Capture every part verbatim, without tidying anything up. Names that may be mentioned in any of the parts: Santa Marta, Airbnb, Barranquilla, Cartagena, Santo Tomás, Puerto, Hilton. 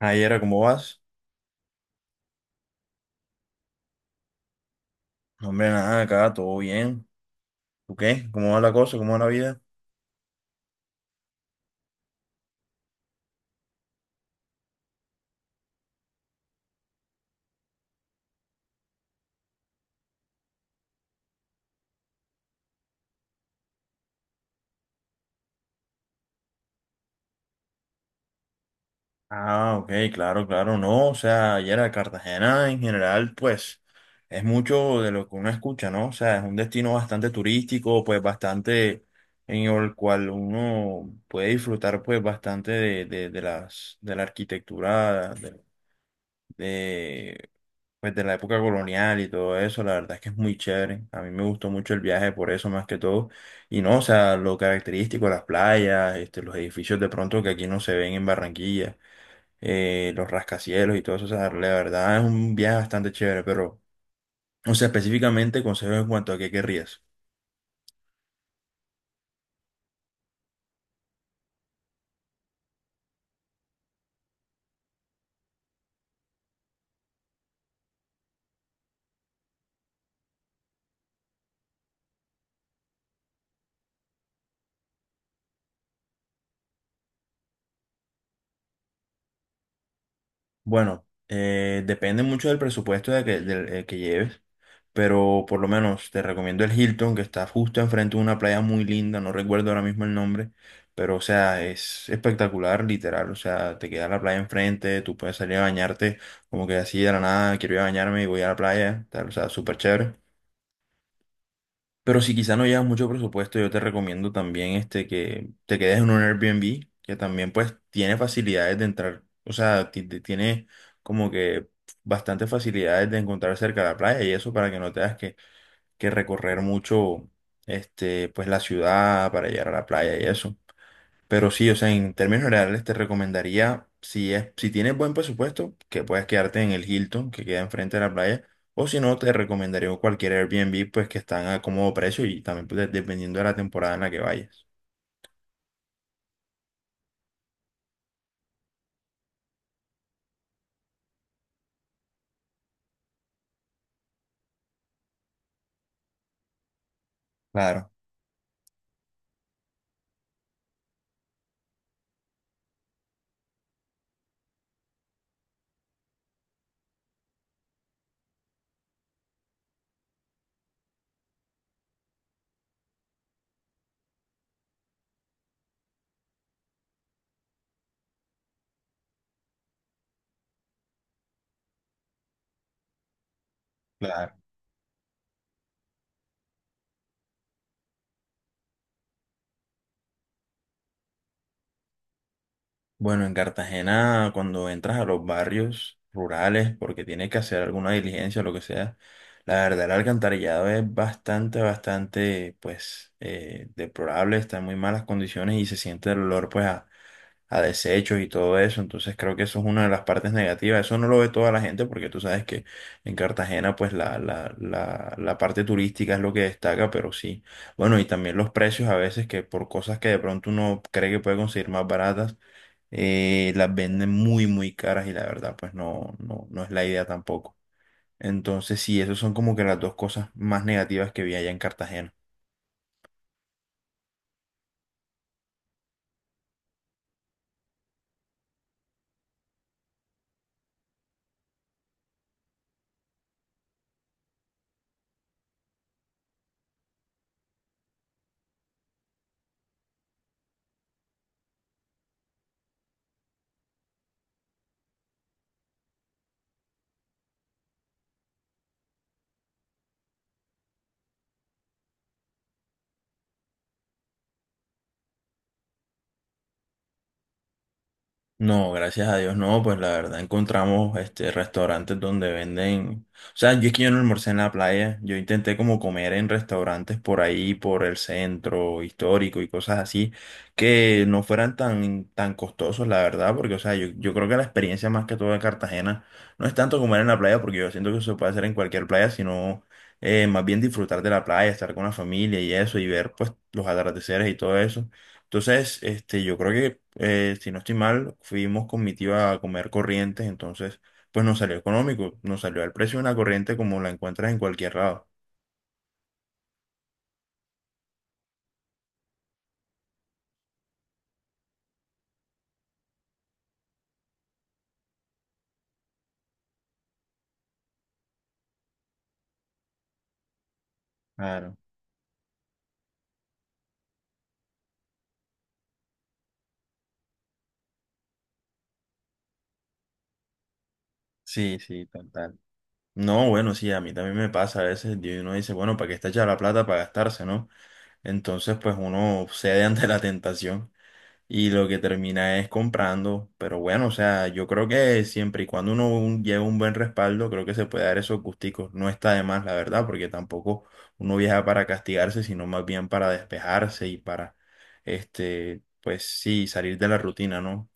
Ayer, ¿cómo vas? No, hombre, nada, acá todo bien. ¿Tú qué? ¿Cómo va la cosa? ¿Cómo va la vida? Ah, ok, claro, claro, no. O sea, ayer a Cartagena en general, pues, es mucho de lo que uno escucha, ¿no? O sea, es un destino bastante turístico, pues, bastante en el cual uno puede disfrutar, pues, bastante de, de, de las, de la arquitectura, de, pues de la época colonial y todo eso, la verdad es que es muy chévere. A mí me gustó mucho el viaje por eso más que todo. Y no, o sea, lo característico, las playas, este, los edificios de pronto que aquí no se ven en Barranquilla, eh, los rascacielos y todo eso, o sea, la verdad es un viaje bastante chévere, pero, o sea, específicamente consejos en cuanto a qué querrías. Bueno, eh, depende mucho del presupuesto de que, del, eh, que lleves, pero por lo menos te recomiendo el Hilton, que está justo enfrente de una playa muy linda, no recuerdo ahora mismo el nombre, pero o sea, es espectacular, literal, o sea, te queda la playa enfrente, tú puedes salir a bañarte como que así de la nada, quiero ir a bañarme y voy a la playa, tal, o sea, súper chévere. Pero si quizá no llevas mucho presupuesto, yo te recomiendo también este que te quedes en un Airbnb, que también pues tiene facilidades de entrar, o sea, ti- ti- tiene como que bastantes facilidades de encontrar cerca de la playa y eso para que no tengas que, que recorrer mucho este pues la ciudad para llegar a la playa y eso. Pero sí, o sea, en términos reales te recomendaría, si es, si tienes buen presupuesto, que puedas quedarte en el Hilton, que queda enfrente de la playa, o si no, te recomendaría cualquier Airbnb, pues que están a cómodo precio y también pues, de- dependiendo de la temporada en la que vayas. Claro, claro. Bueno, en Cartagena, cuando entras a los barrios rurales, porque tienes que hacer alguna diligencia o lo que sea, la verdad el alcantarillado es bastante, bastante, pues, eh, deplorable, está en muy malas condiciones y se siente el olor, pues, a, a desechos y todo eso. Entonces creo que eso es una de las partes negativas. Eso no lo ve toda la gente porque tú sabes que en Cartagena pues la, la, la, la parte turística es lo que destaca, pero sí. Bueno, y también los precios a veces que por cosas que de pronto uno cree que puede conseguir más baratas, eh, las venden muy, muy caras y la verdad pues no, no, no es la idea tampoco. Entonces sí, esas son como que las dos cosas más negativas que vi allá en Cartagena. No, gracias a Dios, no, pues la verdad encontramos este restaurantes donde venden, o sea, yo es que yo no almorcé en la playa, yo intenté como comer en restaurantes por ahí, por el centro histórico y cosas así, que no fueran tan, tan costosos, la verdad, porque, o sea, yo, yo creo que la experiencia más que todo de Cartagena no es tanto comer en la playa, porque yo siento que eso se puede hacer en cualquier playa, sino eh, más bien disfrutar de la playa, estar con la familia y eso, y ver pues los atardeceres y todo eso entonces, este, yo creo que, eh, si no estoy mal, fuimos con mi tía a comer corrientes, entonces, pues nos salió económico, nos salió al precio de una corriente como la encuentras en cualquier lado. Claro, sí, sí, total. No, bueno, sí, a mí también me pasa a veces, y uno dice, bueno, ¿para qué está hecha la plata para gastarse, no? Entonces, pues uno cede ante la tentación. Y lo que termina es comprando, pero bueno, o sea, yo creo que siempre y cuando uno un- lleva un buen respaldo, creo que se puede dar esos gusticos. No está de más, la verdad, porque tampoco uno viaja para castigarse, sino más bien para despejarse y para, este, pues sí, salir de la rutina, ¿no?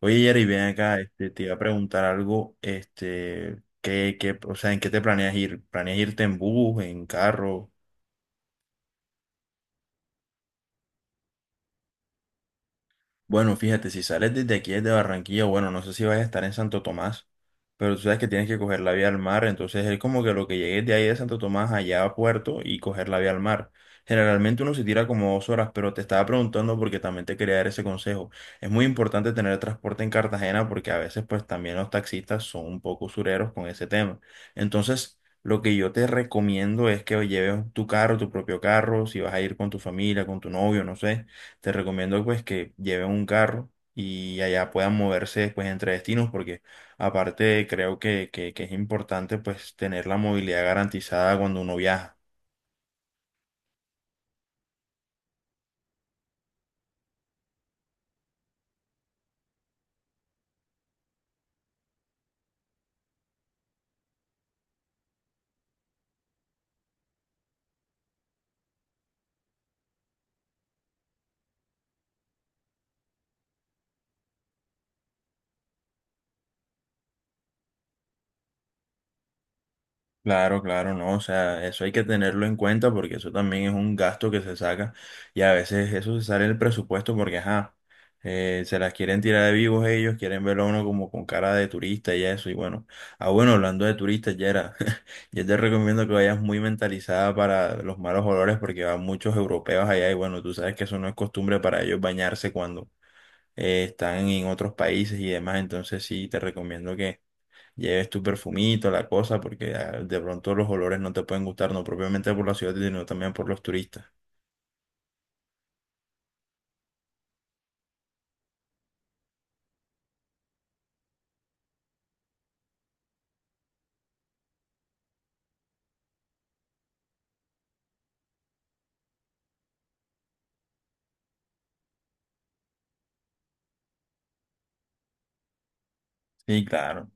Oye, Jerry, ven acá, este, te iba a preguntar algo, este, ¿qué, qué, o sea, ¿en qué te planeas ir? ¿Planeas irte en bus, en carro? Bueno, fíjate, si sales desde aquí, desde Barranquilla, bueno, no sé si vas a estar en Santo Tomás, pero tú sabes que tienes que coger la vía al mar, entonces es como que lo que llegues de ahí de Santo Tomás allá a Puerto y coger la vía al mar. Generalmente uno se tira como dos horas, pero te estaba preguntando porque también te quería dar ese consejo. Es muy importante tener transporte en Cartagena porque a veces pues también los taxistas son un poco usureros con ese tema. Entonces, lo que yo te recomiendo es que lleves tu carro, tu propio carro, si vas a ir con tu familia, con tu novio, no sé te recomiendo pues que lleven un carro y allá puedan moverse después entre destinos porque aparte creo que, que, que es importante pues tener la movilidad garantizada cuando uno viaja. Claro, claro, no, o sea, eso hay que tenerlo en cuenta porque eso también es un gasto que se saca y a veces eso se sale del presupuesto porque, ajá, eh, se las quieren tirar de vivos ellos, quieren verlo a uno como con cara de turista y eso, y bueno, ah, bueno, hablando de turistas, Yera, yo te recomiendo que vayas muy mentalizada para los malos olores porque van muchos europeos allá y bueno, tú sabes que eso no es costumbre para ellos bañarse cuando eh, están en otros países y demás, entonces sí, te recomiendo que lleves tu perfumito, la cosa, porque ah, de pronto los olores no te pueden gustar, no propiamente por la ciudad, sino también por los turistas. Sí, claro,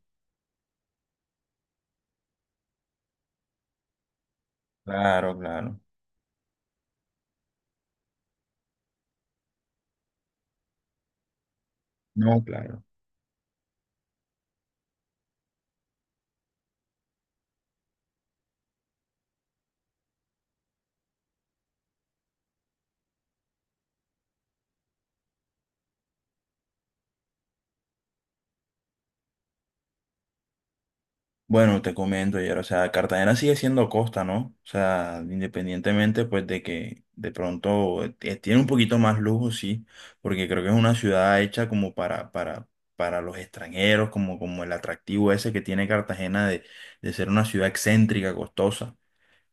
claro, claro. No, claro. Bueno, te comento, Yer, o sea, Cartagena sigue siendo costa, ¿no? O sea, independientemente, pues, de que de pronto eh, tiene un poquito más lujo, sí, porque creo que es una ciudad hecha como para, para, para los extranjeros, como, como el atractivo ese que tiene Cartagena de, de ser una ciudad excéntrica, costosa.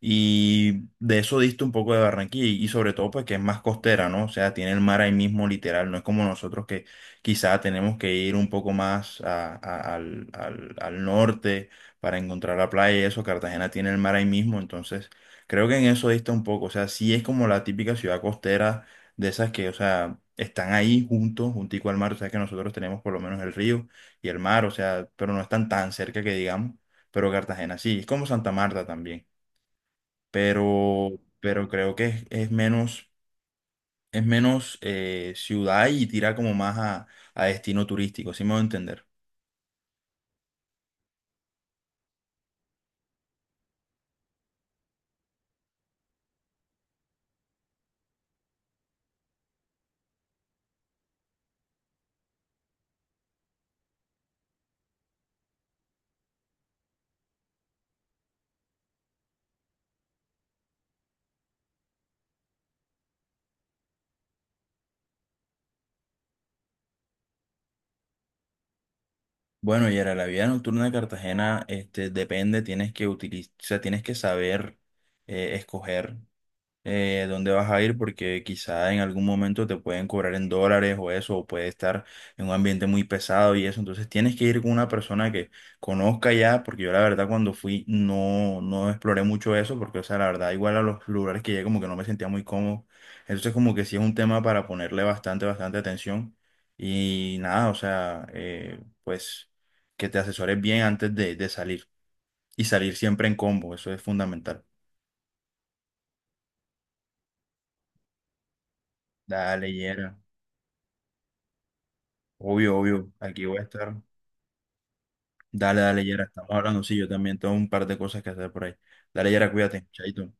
Y de eso diste un poco de Barranquilla y, y sobre todo pues que es más costera, ¿no? O sea, tiene el mar ahí mismo literal, no es como nosotros que quizá tenemos que ir un poco más a- a- al, al- al norte para encontrar la playa y eso, Cartagena tiene el mar ahí mismo, entonces creo que en eso dista un poco, o sea, sí es como la típica ciudad costera de esas que, o sea, están ahí juntos, juntico al mar, o sea que nosotros tenemos por lo menos el río y el mar, o sea, pero no están tan cerca que digamos, pero Cartagena sí, es como Santa Marta también pero, pero creo que es, es menos, es menos eh, ciudad y tira como más a, a destino turístico, si me voy a entender. Bueno, y era la vida nocturna de Cartagena, este, depende, tienes que utilizar, tienes que saber eh, escoger eh, dónde vas a ir, porque quizá en algún momento te pueden cobrar en dólares o eso, o puede estar en un ambiente muy pesado y eso. Entonces tienes que ir con una persona que conozca ya, porque yo la verdad cuando fui no, no exploré mucho eso, porque o sea, la verdad igual a los lugares que llegué como que no me sentía muy cómodo. Entonces como que sí es un tema para ponerle bastante, bastante atención. Y nada, o sea, eh, pues que te asesores bien antes de, de salir. Y salir siempre en combo, eso es fundamental. Dale, Yera. Obvio, obvio, aquí voy a estar. Dale, dale, Yera, estamos hablando, sí, yo también tengo un par de cosas que hacer por ahí. Dale, Yera, cuídate, chaito.